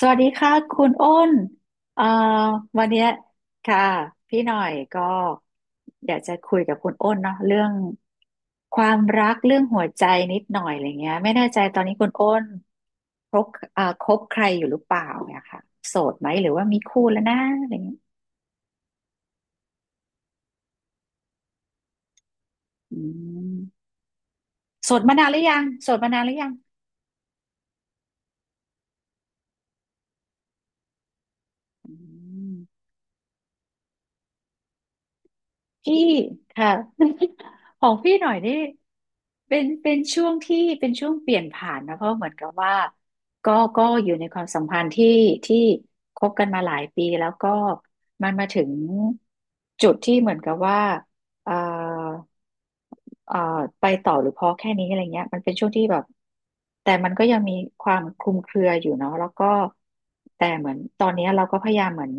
สวัสดีค่ะคุณอ้นเอ่อวันเนี้ยค่ะพี่หน่อยก็อยากจะคุยกับคุณอ้นเนาะเรื่องความรักเรื่องหัวใจนิดหน่อยอะไรเงี้ยไม่แน่ใจตอนนี้คุณอ้นคบคบใครอยู่หรือเปล่าเนี่ยค่ะโสดไหมหรือว่ามีคู่แล้วนะอะไรเงี้ยอืมโสดมานานหรือยังโสดมานานหรือยังอืม พี่ค่ะ ของพี่หน่อยนี่เป็นช่วงที่เป็นช่วงเปลี่ยนผ่านนะเพราะเหมือนกับว่าก็ก็อยู่ในความสัมพันธ์ที่คบกันมาหลายปีแล้วก็มันมาถึงจุดที่เหมือนกับว่าเอ่อ เอ่อไปต่อหรือพอแค่นี้อะไรเงี้ยมันเป็นช่วงที่แบบแต่มันก็ยังมีความคลุมเครืออยู่เนาะแล้วก็แต่เหมือนตอนเนี้ยเราก็พยายามเหมือน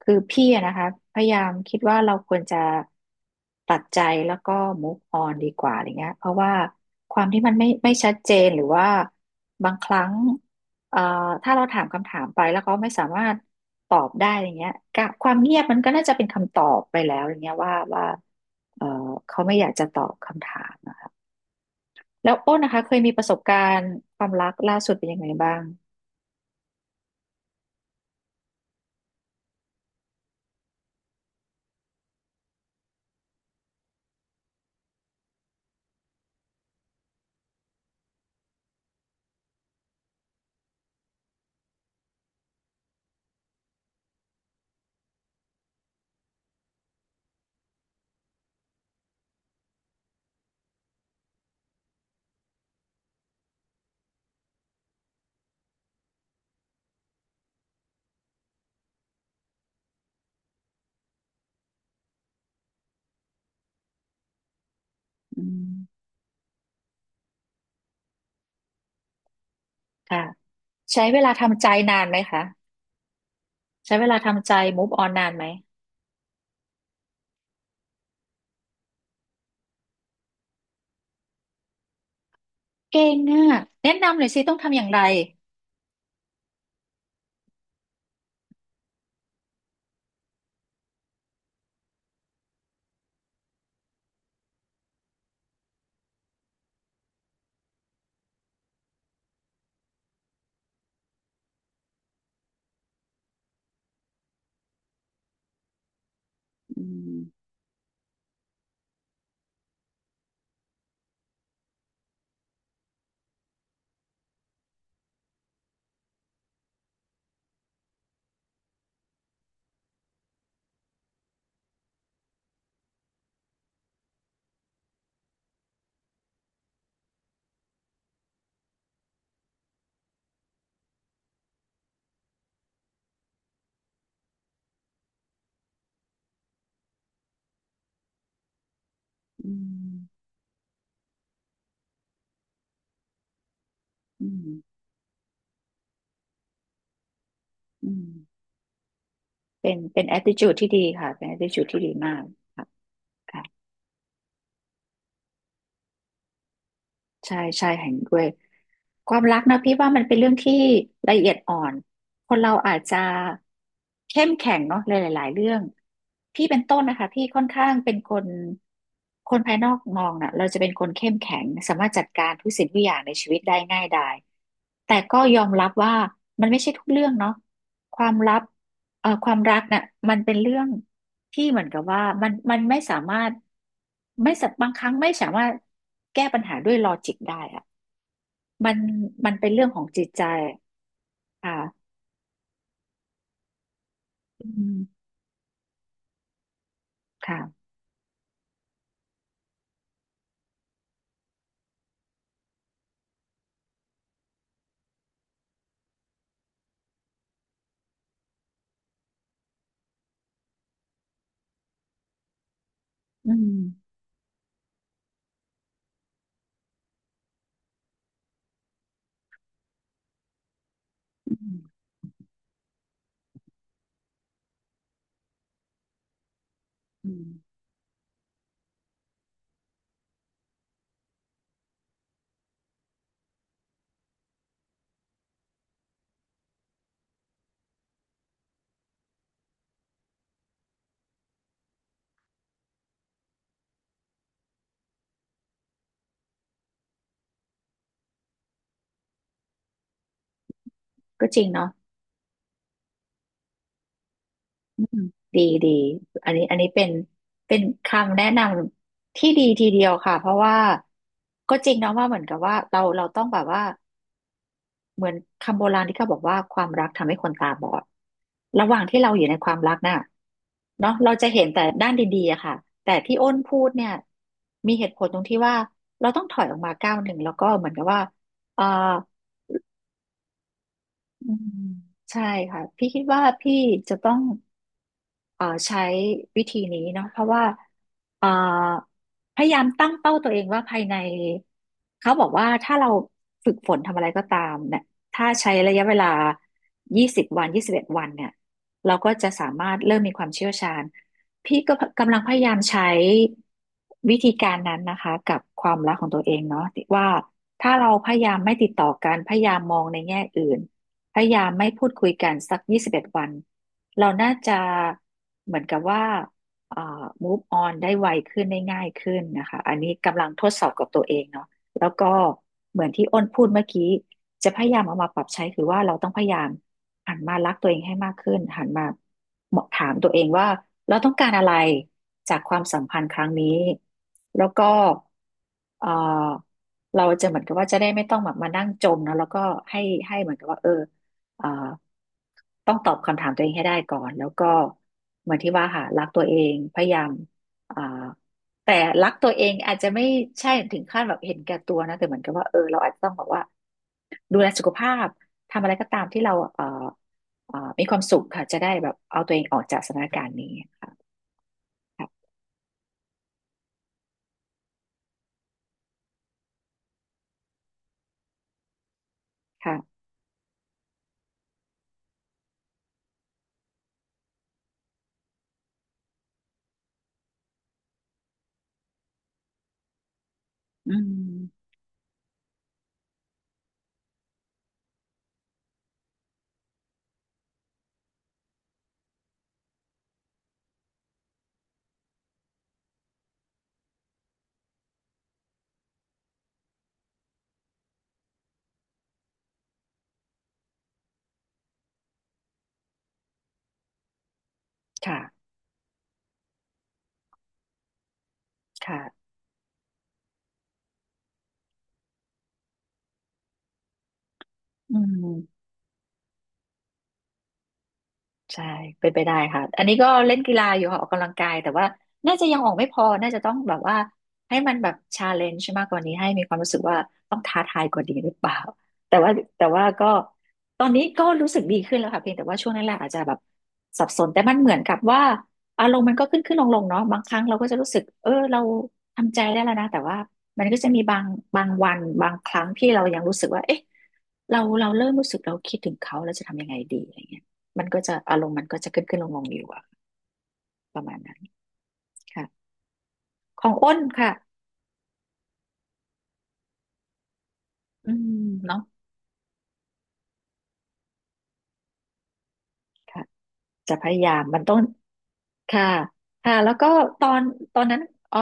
คือพี่อะนะคะพยายามคิดว่าเราควรจะตัดใจแล้วก็ move on ดีกว่าอะไรเงี้ยเพราะว่าความที่มันไม่ชัดเจนหรือว่าบางครั้ง เอ่อถ้าเราถามคำถามไปแล้วเขาไม่สามารถตอบได้อย่างเงี้ยกะความเงียบมันก็น่าจะเป็นคำตอบไปแล้วอย่างเงี้ยว่าเอ่อเขาไม่อยากจะตอบคำถามนะคะแล้วโอ้นนะคะเคยมีประสบการณ์ความรักล่าสุดเป็นยังไงบ้างอืมค่ะใช้เวลาทำใจนานไหมคะใช้เวลาทำใจ move on นานไหมเก่งอ่ะแนะนำหน่อยสิต้องทำอย่างไรอืมอืมอืมอืมเป็น attitude ที่ดีค่ะเป็น attitude ที่ดีมากค่ะค่ะ ใช่ใช่เห็นด้วยความรักนะพี่ว่ามันเป็นเรื่องที่ละเอียดอ่อนคนเราอาจจะเข้มแข็งเนาะหลายๆเรื่องพี่เป็นต้นนะคะพี่ค่อนข้างเป็นคนคนภายนอกมองน่ะเราจะเป็นคนเข้มแข็งสามารถจัดการทุกสิ่งทุกอย่างในชีวิตได้ง่ายดายแต่ก็ยอมรับว่ามันไม่ใช่ทุกเรื่องเนาะความลับความรักน่ะมันเป็นเรื่อง ที่เหมือนกับว่ามันไม่สามารถไม่สะบางครั้งไม่สามารถแก้ปัญหาด้วยลอจิกได้อะมันมันเป็นเรื่องของจิตใจค่ะอืมค่ะอืมอืมอืมก็จริงเนาะอืมดีดีอันนี้อันนี้เป็นเป็นคำแนะนำที่ดีทีเดียวค่ะเพราะว่าก็จริงเนาะว่าเหมือนกับว่าเราต้องแบบว่า เหมือนคำโบราณที่เขาบอกว่าความรักทำให้คนตาบอด ระหว่างที่เราอยู่ในความรักน่ะเนาะเราจะเห็นแต่ด้านดีๆอะค่ะแต่ที่อ้นพูดเนี่ยมีเหตุผลตรงที่ว่าเราต้องถอยออกมาก้าวหนึ่งแล้วก็เหมือนกับว่าเอออืมใช่ค่ะพี่คิดว่าพี่จะต้อง ใช้วิธีนี้เนาะเพราะว่าเอ่อพยายามตั้งเป้าตัวเองว่าภายในเขาบอกว่าถ้าเราฝึกฝนทำอะไรก็ตามเนี่ยถ้าใช้ระยะเวลา20วัน21วันเนี่ยเราก็จะสามารถเริ่มมีความเชี่ยวชาญพี่ก็กำลังพยายามใช้วิธีการนั้นนะคะกับความรักของตัวเองเนาะว่าถ้าเราพยายามไม่ติดต่อกันพยายามมองในแง่อื่นพยายามไม่พูดคุยกันสัก21วัน เราน่าจะเหมือนกับว่าเอ่อ move on ได้ไวขึ้นได้ง่ายขึ้นนะคะอันนี้กำลังทดสอบกับตัวเองเนาะแล้วก็เหมือนที่อ้นพูดเมื่อกี้จะพยายามเอามาปรับใช้คือว่าเราต้องพยายามหันมารักตัวเองให้มากขึ้นหันมาถามตัวเองว่าเราต้องการอะไรจากความสัมพันธ์ครั้งนี้แล้วก็เอ่อเราจะเหมือนกับว่าจะได้ไม่ต้องแบบมานั่งจมเนอะแล้วก็ให้ให้เหมือนกับว่าเออ เอ่อต้องตอบคำถามตัวเองให้ได้ก่อนแล้วก็เหมือนที่ว่าค่ะรักตัวเองพยายามเอ่อแต่รักตัวเองอาจจะไม่ใช่ถึงขั้นแบบเห็นแก่ตัวนะแต่เหมือนกับว่าเออเราอาจจะต้องแบบว่าดูแลสุขภาพทำอะไรก็ตามที่เรามีความสุขค่ะจะได้แบบเอาตัวเองออกจากสถานการณ์นี้ค่ะค่ะค่ะอืมค่ะค่ะอืม ใช่เป็นไปได้ค่ะอันนี้ก็เล่นกีฬาอยู่ค่ะออกกำลังกายแต่ว่าน่าจะยังออกไม่พอน่าจะต้องแบบว่าให้มันแบบชาเลนจ์มากกว่านี้ให้มีความรู้สึกว่าต้องท้าทายกว่านี้หรือเปล่าแต่ว่าแต่ว่าก็ตอนนี้ก็รู้สึกดีขึ้นแล้วค่ะเพียงแต่ว่าช่วงแรกๆอาจจะแบบสับสนแต่มันเหมือนกับว่าอารมณ์มันก็ขึ้นขึ้นลงลงเนาะบางครั้งเราก็จะรู้สึกเออเราทำใจได้แล้วนะแต่ว่ามันก็จะมีบางวันบางครั้งที่เรายังรู้สึกว่าเอ๊ะเราเริ่มรู้สึกเราคิดถึงเขาแล้วจะทำยังไงดีอะไรเงี้ย มันก็จะอารมณ์มันก็จะขึ้นขึ้นลงลงอยู่อะประมาณนั้นค่ะของอ้นค่ะอืมเนาะค่ะจะพยายามมันต้องค่ะค่ะแล้วก็ตอนตอนนั้นเออ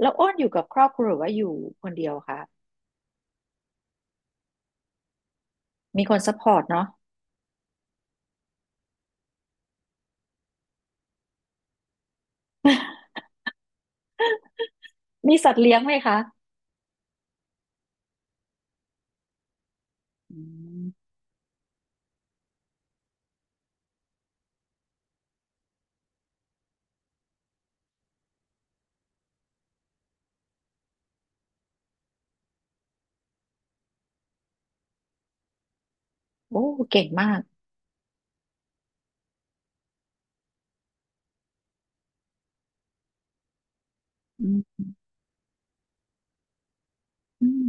แล้วอ้นอยู่กับครอบครัวหรือว่าอยู่คนเดียวคะมีคนซัพพอร์ตเนาะมีสัตว์เลี้ยงไหมคะอืมโอ้เก่งมากอืมอืม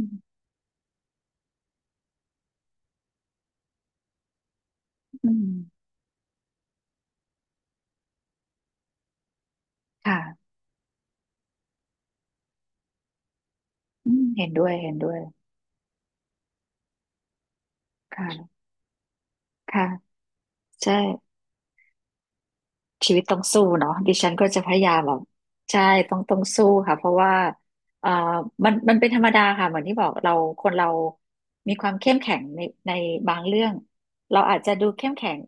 อืมค่ะอืมเห็นด้วยเห็นด้วยค่ะค่ะใช่ ชีวิตต้องสู้เนาะดิฉันก็จะพยายามแบบใช่ต้องสู้ค่ะเพราะว่าเอ่อมันมันเป็นธรรมดาค่ะเหมือนที่บอกเราคนเรามีความเข้มแข็งในบางเรื่องเราอาจจะดูเข้มแข็ง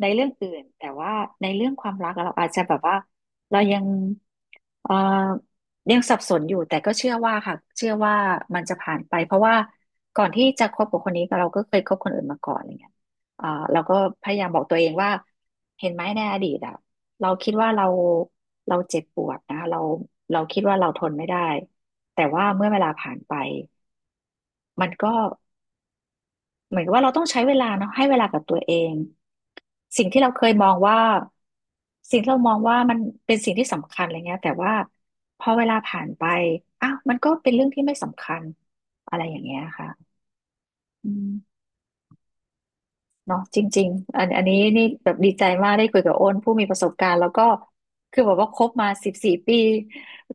ในเรื่องอื่นแต่ว่าในเรื่องความรักอะเราอาจจะแบบว่าเรายังเอ่อยังสับสนอยู่แต่ก็เชื่อว่าค่ะเชื่อว่ามันจะผ่านไปเพราะว่าก่อนที่จะคบกับคนนี้เราก็เคยคบคนอื่นมาก่อนอะไรเงี้ย อ่าแล้วก็พยายามบอกตัวเองว่าเห็นไหมในอดีตอ่ะเราคิดว่าเราเจ็บปวดนะเราคิดว่าเราทนไม่ได้แต่ว่าเมื่อเวลาผ่านไปมันก็เหมือนกับว่าเราต้องใช้เวลาเนาะให้เวลากับตัวเองสิ่งที่เราเคยมองว่าสิ่งที่เรามองว่ามันเป็นสิ่งที่สำคัญอะไรเงี้ยแต่ว่าพอเวลาผ่านไปอ้าวมันก็เป็นเรื่องที่ไม่สำคัญอะไรอย่างเงี้ยค่ะอืม เนาะจริงๆอันนี้นี่แบบดีใจมากได้คุยกับโอนผู้มีประสบการณ์แล้วก็คือแบบว่าคบมาสิบสี่ปี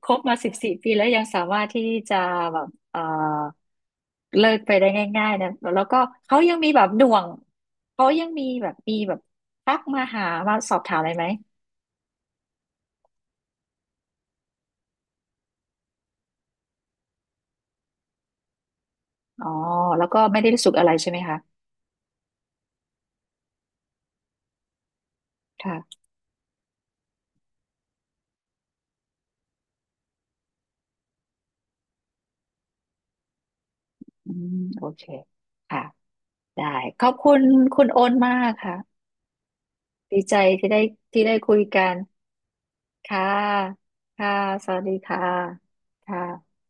คบมาสิบสี่ปีแล้วยังสามารถที่จะแบบเลิกไปได้ง่ายๆนะแล้วก็เขายังมีแบบด่วงเขายังมีแบบมีแบบทักมาหามาสอบถามอะไรไหมอ๋อแล้วก็ไม่ได้รู้สึกอะไรใช่ไหมคะค่ะอืมโอเคค่ะได้ขอบคุณคุณโอนมากค่ะดีใจที่ได้ที่ได้คุยกัน ค่ะค่ะสวัสดีค่ะค่ะ